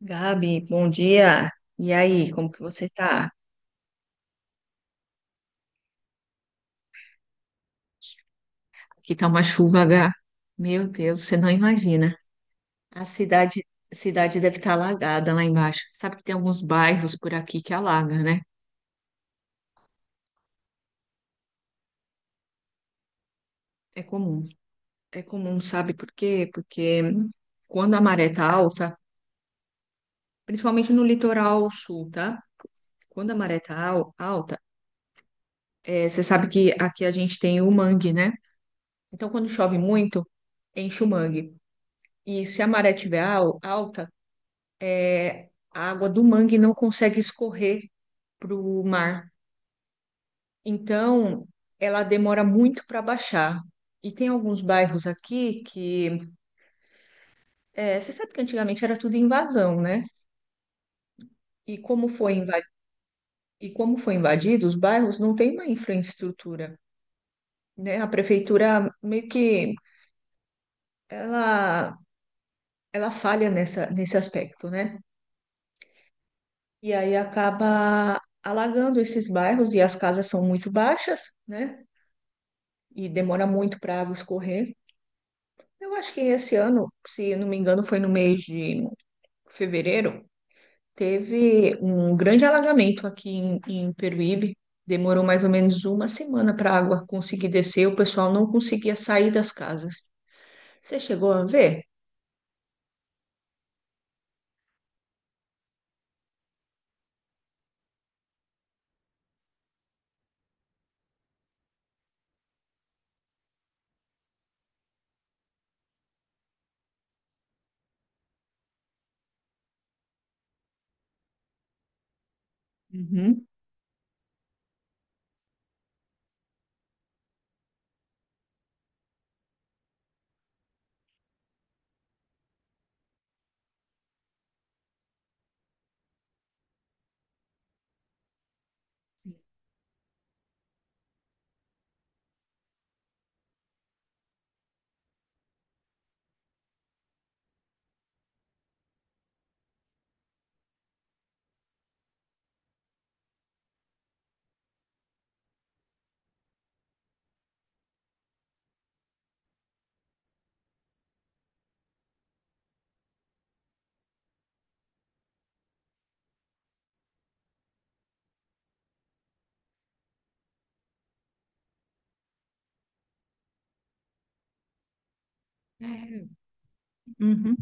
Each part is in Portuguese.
Gabi, bom dia. E aí, como que você tá? Aqui tá uma chuva, H. Meu Deus, você não imagina. A cidade, a cidade deve estar alagada lá embaixo. Sabe que tem alguns bairros por aqui que alaga, né? É comum. É comum, sabe por quê? Porque quando a maré tá alta, principalmente no litoral sul, tá? Quando a maré tá alta, você sabe que aqui a gente tem o mangue, né? Então, quando chove muito, enche o mangue. E se a maré tiver alta, é, a água do mangue não consegue escorrer para o mar. Então, ela demora muito para baixar. E tem alguns bairros aqui que é, você sabe que antigamente era tudo invasão, né? E como foi invadido, e como foi invadido, os bairros não têm uma infraestrutura, né? A prefeitura meio que ela, ela falha nesse aspecto, né? E aí acaba alagando esses bairros e as casas são muito baixas, né? E demora muito para a água escorrer. Eu acho que esse ano, se não me engano, foi no mês de fevereiro, teve um grande alagamento aqui em Peruíbe. Demorou mais ou menos uma semana para a água conseguir descer, o pessoal não conseguia sair das casas. Você chegou a ver? Uhum. É, uhum.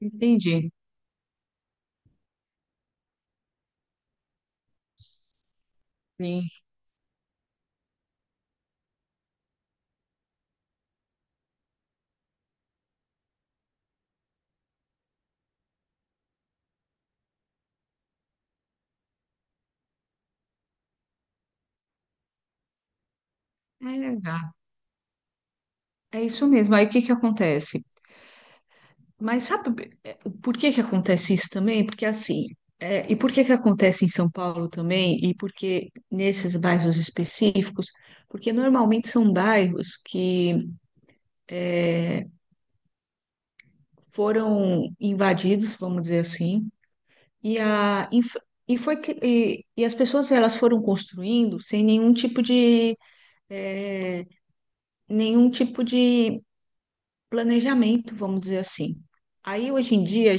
Entendi. Sim. É, é isso mesmo. Aí o que que acontece? Mas sabe por que que acontece isso também? Porque assim, e por que que acontece em São Paulo também? E por que nesses bairros específicos? Porque normalmente são bairros que eh, foram invadidos, vamos dizer assim, e, a, inf- e, foi, que- e as pessoas elas foram construindo sem nenhum tipo de, eh, nenhum tipo de planejamento, vamos dizer assim. Aí hoje em dia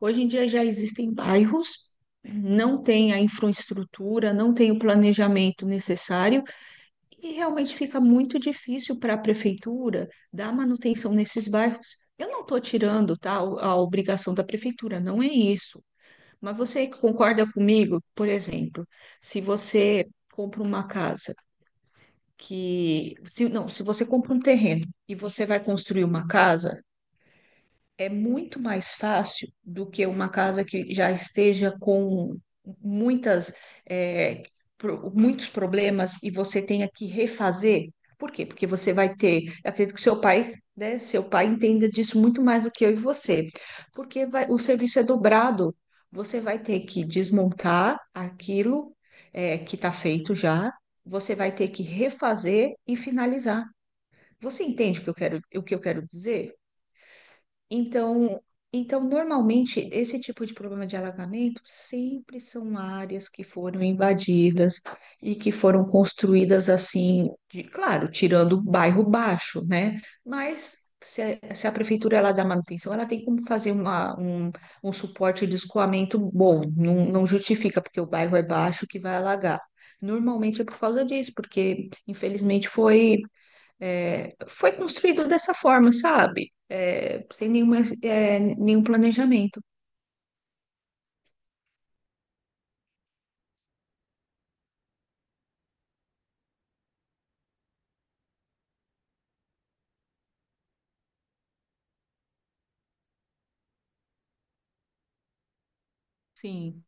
Hoje em dia já existem bairros, não tem a infraestrutura, não tem o planejamento necessário, e realmente fica muito difícil para a prefeitura dar manutenção nesses bairros. Eu não estou tirando, tá, a obrigação da prefeitura, não é isso. Mas você que concorda comigo, por exemplo, se você compra uma casa que, se, não, se você compra um terreno e você vai construir uma casa, é muito mais fácil do que uma casa que já esteja com muitas, é, muitos problemas e você tenha que refazer. Por quê? Porque você vai ter, eu acredito que seu pai, né, seu pai entenda disso muito mais do que eu e você, porque o serviço é dobrado. Você vai ter que desmontar aquilo, é, que está feito já, você vai ter que refazer e finalizar. Você entende o que eu quero, o que eu quero dizer? Então, então, normalmente, esse tipo de problema de alagamento sempre são áreas que foram invadidas e que foram construídas assim, claro, tirando o bairro baixo, né? Mas se a prefeitura ela dá manutenção, ela tem como fazer um suporte de escoamento bom, não justifica, porque o bairro é baixo que vai alagar. Normalmente é por causa disso, porque infelizmente foi. É, foi construído dessa forma, sabe? É, sem nenhuma, é, nenhum planejamento. Sim,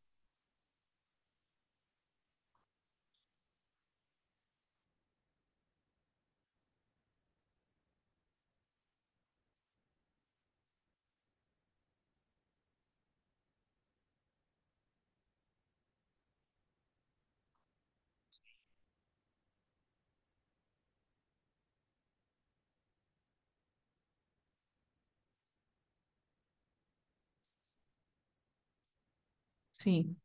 sim,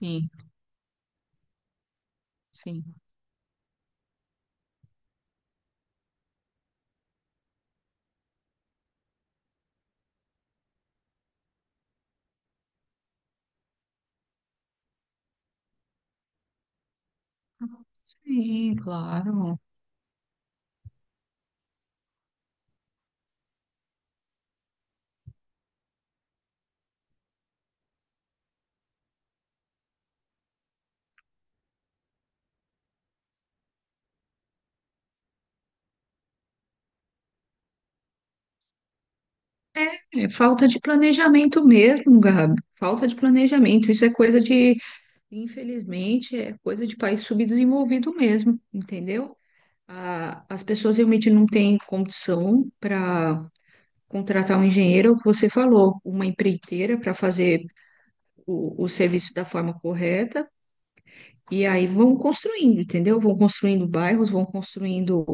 sim, sim. Sim, claro. É falta de planejamento mesmo, Gabi. Falta de planejamento. Isso é coisa de, infelizmente, é coisa de país subdesenvolvido mesmo, entendeu? As pessoas realmente não têm condição para contratar um engenheiro, é o que você falou, uma empreiteira para fazer o serviço da forma correta. E aí vão construindo, entendeu? Vão construindo bairros, vão construindo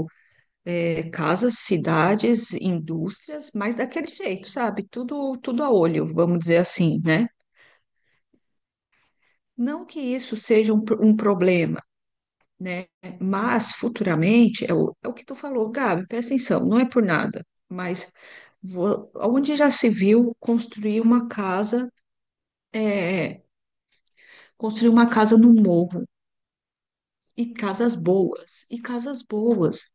casas, cidades, indústrias, mas daquele jeito, sabe? Tudo a olho, vamos dizer assim, né? Não que isso seja um problema, né? Mas futuramente, é o que tu falou, Gabi, presta atenção, não é por nada, mas onde já se viu construir uma casa, eh, construir uma casa no morro, e casas boas, e casas boas.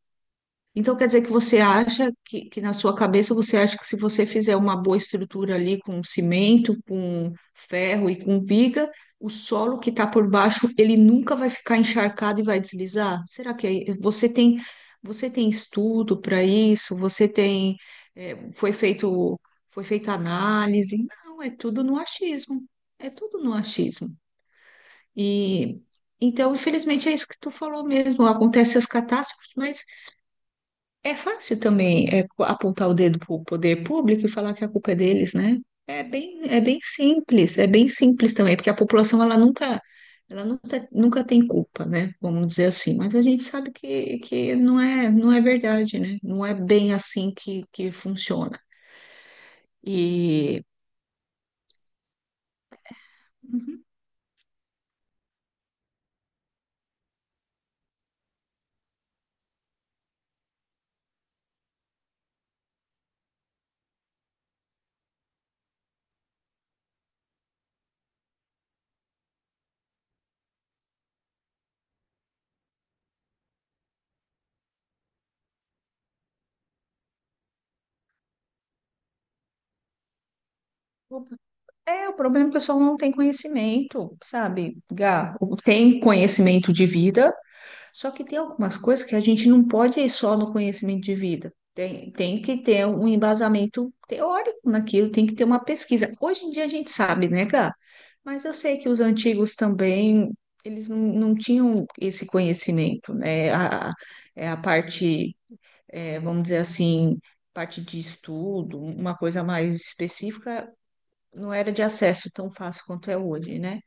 Então quer dizer que você acha que na sua cabeça você acha que se você fizer uma boa estrutura ali com cimento, com ferro e com viga, o solo que está por baixo ele nunca vai ficar encharcado e vai deslizar? Será que você tem estudo para isso? Você tem é, foi feita análise? Não, é tudo no achismo. É tudo no achismo. E então, infelizmente, é isso que tu falou mesmo. Acontecem as catástrofes, mas é fácil também é, apontar o dedo para o poder público e falar que a culpa é deles, né? É bem simples também, porque a população ela nunca tem culpa, né? Vamos dizer assim. Mas a gente sabe que não é, não é verdade, né? Não é bem assim que funciona. E Uhum. Opa. É, o problema é que o pessoal não tem conhecimento, sabe, Gá? Tem conhecimento de vida, só que tem algumas coisas que a gente não pode ir só no conhecimento de vida. Tem que ter um embasamento teórico naquilo, tem que ter uma pesquisa. Hoje em dia a gente sabe, né, Gá? Mas eu sei que os antigos também, eles não tinham esse conhecimento, né? É a parte, é, vamos dizer assim, parte de estudo, uma coisa mais específica, não era de acesso tão fácil quanto é hoje, né?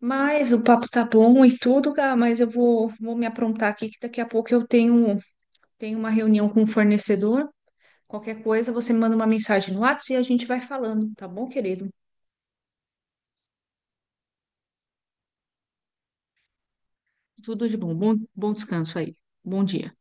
Mas o papo tá bom e tudo, Gá, mas eu vou me aprontar aqui que daqui a pouco eu tenho uma reunião com o fornecedor. Qualquer coisa, você me manda uma mensagem no WhatsApp e a gente vai falando, tá bom, querido? Tudo de bom. Bom descanso aí. Bom dia.